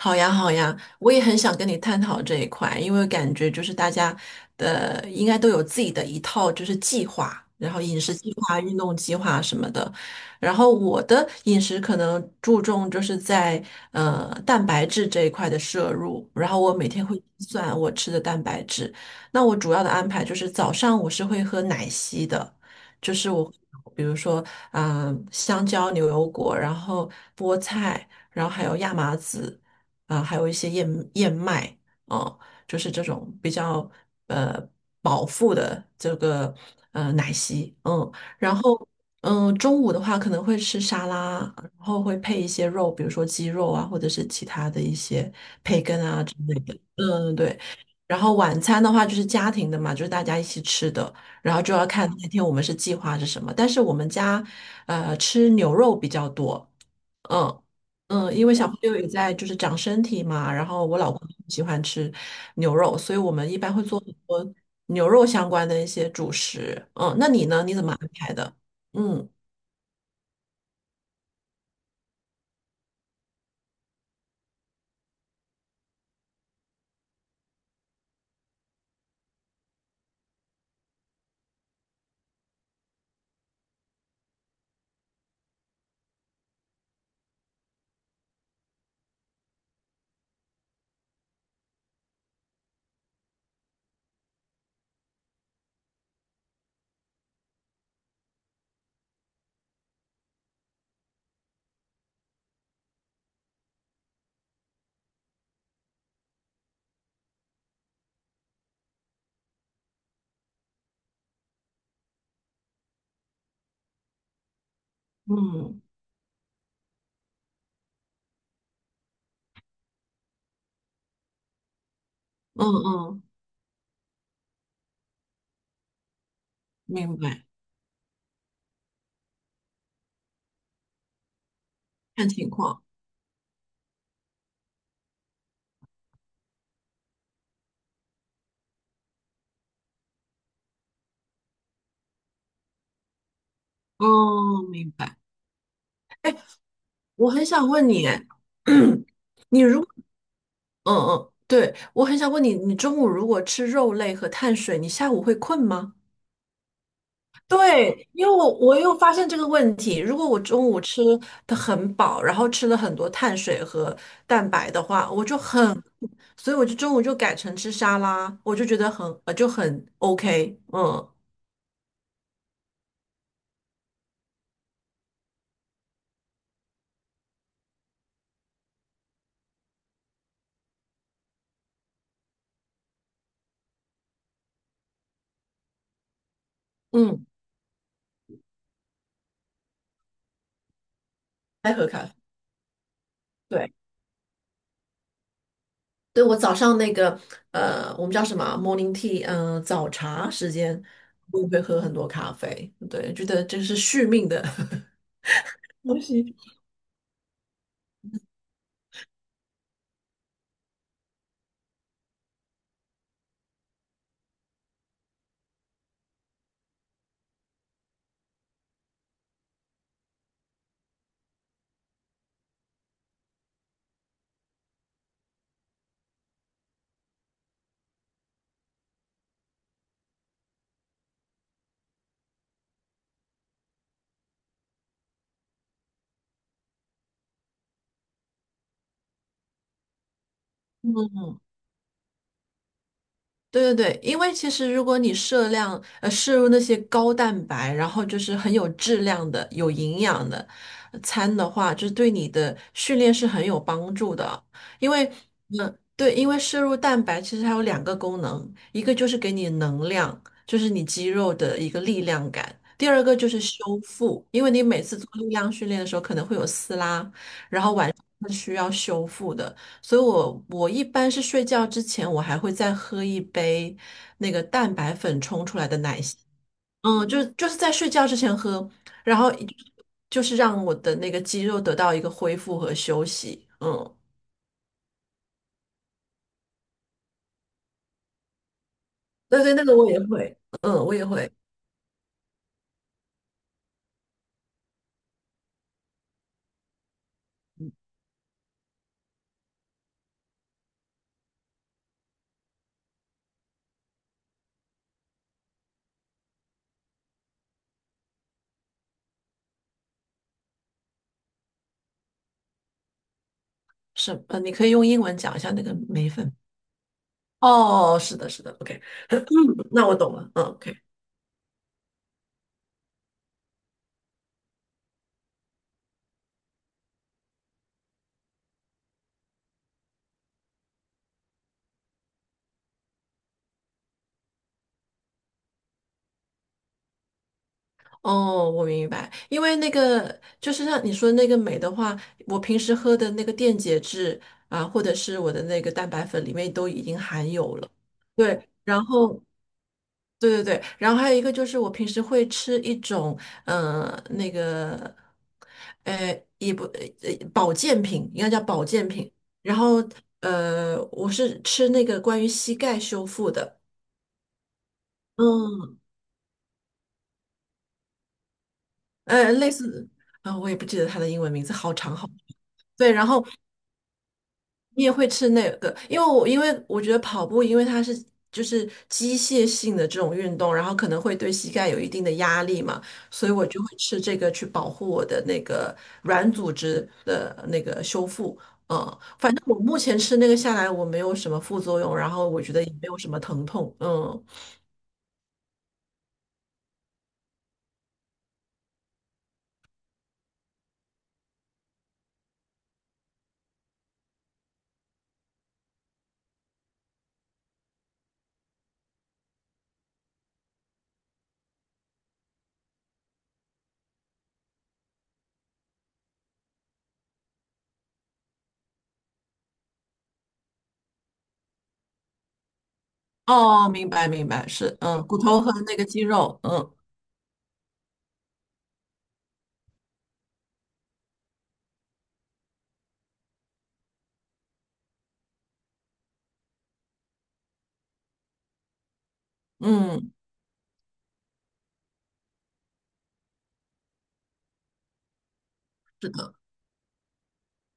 好呀，好呀，我也很想跟你探讨这一块，因为感觉就是大家的应该都有自己的一套就是计划，然后饮食计划、运动计划什么的。然后我的饮食可能注重就是在蛋白质这一块的摄入，然后我每天会计算我吃的蛋白质。那我主要的安排就是早上我是会喝奶昔的，就是我比如说香蕉、牛油果，然后菠菜，然后还有亚麻籽。还有一些燕麦啊，就是这种比较呃饱腹的这个奶昔，嗯，然后中午的话可能会吃沙拉，然后会配一些肉，比如说鸡肉啊，或者是其他的一些培根啊之类的，嗯，对。然后晚餐的话就是家庭的嘛，就是大家一起吃的，然后就要看那天我们是计划是什么。但是我们家，呃，吃牛肉比较多，嗯，嗯，因为小朋友也在就是长身体嘛，然后我老公喜欢吃牛肉，所以我们一般会做很多牛肉相关的一些主食。嗯，那你呢？你怎么安排的？嗯嗯嗯嗯，明白，看情况。哦，明白。我很想问你，哎 嗯嗯，对，我很想问你，你中午如果吃肉类和碳水，你下午会困吗？对，因为我又发现这个问题，如果我中午吃的很饱，然后吃了很多碳水和蛋白的话，我就很，所以我就中午就改成吃沙拉，我就觉得很就很 OK，嗯嗯，爱喝咖啡。对，对，我早上那个我们叫什么啊 morning tea，嗯、早茶时间，我会喝很多咖啡。对，觉得这是续命的 东西。对对对，因为其实如果你摄入那些高蛋白，然后就是很有质量的、有营养的餐的话，就是对你的训练是很有帮助的。因为嗯，对，因为摄入蛋白其实它有两个功能，一个就是给你能量，就是你肌肉的一个力量感；第二个就是修复，因为你每次做力量训练的时候可能会有撕拉，是需要修复的，所以我一般是睡觉之前，我还会再喝一杯那个蛋白粉冲出来的奶昔，嗯，就是在睡觉之前喝，然后就是让我的那个肌肉得到一个恢复和休息，嗯，对对，那个我也会，嗯，我也会，是，呃，你可以用英文讲一下那个眉粉，哦，是的，是的，OK，那我懂了，嗯，OK。哦，我明白，因为那个就是像你说那个镁的话，我平时喝的那个电解质啊，或者是我的那个蛋白粉里面都已经含有了。对，然后对对对，然后还有一个就是我平时会吃一种那个，呃也不呃保健品，应该叫保健品。然后我是吃那个关于膝盖修复的，嗯，呃类似我也不记得它的英文名字，好长好长。对，然后你也会吃那个，因为我觉得跑步，因为它是就是机械性的这种运动，然后可能会对膝盖有一定的压力嘛，所以我就会吃这个去保护我的那个软组织的那个修复。嗯，反正我目前吃那个下来，我没有什么副作用，然后我觉得也没有什么疼痛。嗯，哦，明白明白，是，嗯，骨头和那个肌肉，嗯嗯。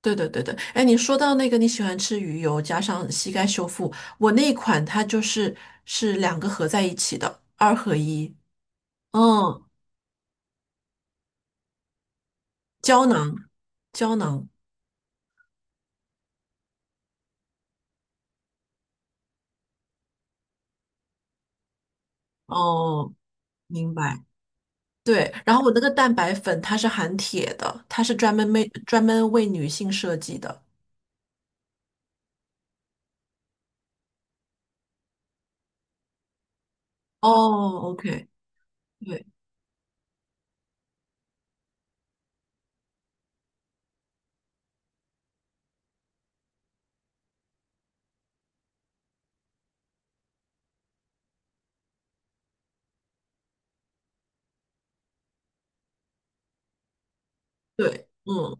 对对对对，哎，你说到那个你喜欢吃鱼油加上膝盖修复，我那一款它就是是两个合在一起的，二合一，嗯，胶囊，胶囊，哦，明白。对，然后我那个蛋白粉它是含铁的，它是专门为女性设计的。哦，OK，对对，嗯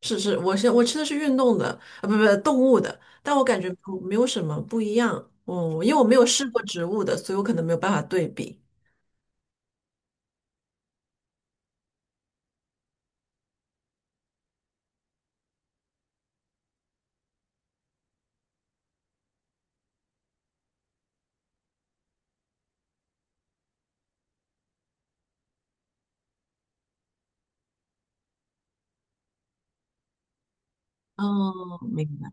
是是，我是我吃的是运动的，啊不动物的，但我感觉不没有什么不一样，嗯，因为我没有试过植物的，所以我可能没有办法对比。哦，明白。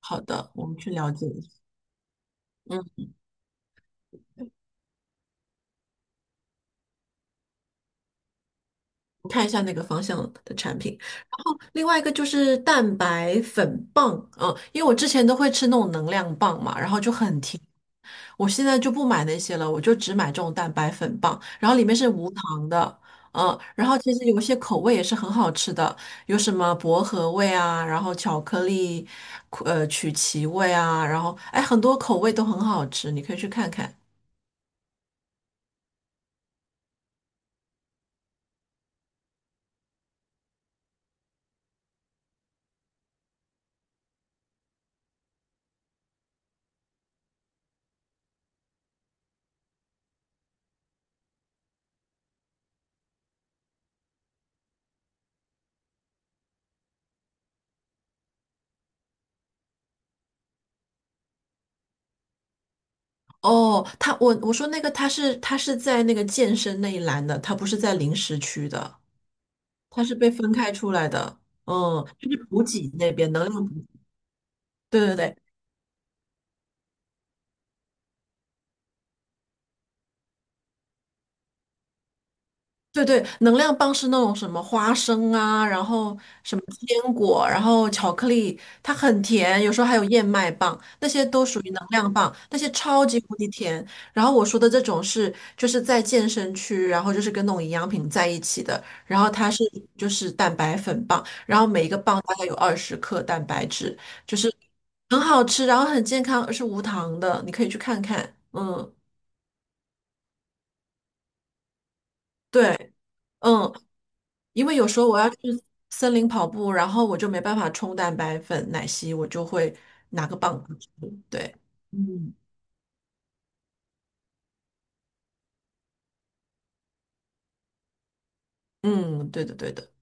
好的，我们去了解一下。嗯，看一下那个方向的产品，然后另外一个就是蛋白粉棒，嗯，因为我之前都会吃那种能量棒嘛，然后就很甜。我现在就不买那些了，我就只买这种蛋白粉棒，然后里面是无糖的，嗯，然后其实有一些口味也是很好吃的，有什么薄荷味啊，然后巧克力，呃，曲奇味啊，然后哎，很多口味都很好吃，你可以去看看。哦，我说那个他是在那个健身那一栏的，他不是在零食区的，他是被分开出来的，嗯，就是补给那边能量补。对对对，对对，能量棒是那种什么花生啊，然后什么坚果，然后巧克力，它很甜，有时候还有燕麦棒，那些都属于能量棒，那些超级无敌甜。然后我说的这种是就是在健身区，然后就是跟那种营养品在一起的，然后它是就是蛋白粉棒，然后每一个棒大概有20克蛋白质，就是很好吃，然后很健康，是无糖的，你可以去看看。嗯，对。嗯。因为有时候我要去森林跑步，然后我就没办法冲蛋白粉、奶昔，我就会拿个棒子吃。对，嗯，嗯，对的，对的。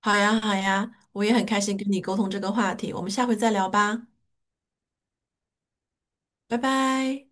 好呀，好呀，我也很开心跟你沟通这个话题，我们下回再聊吧，拜拜。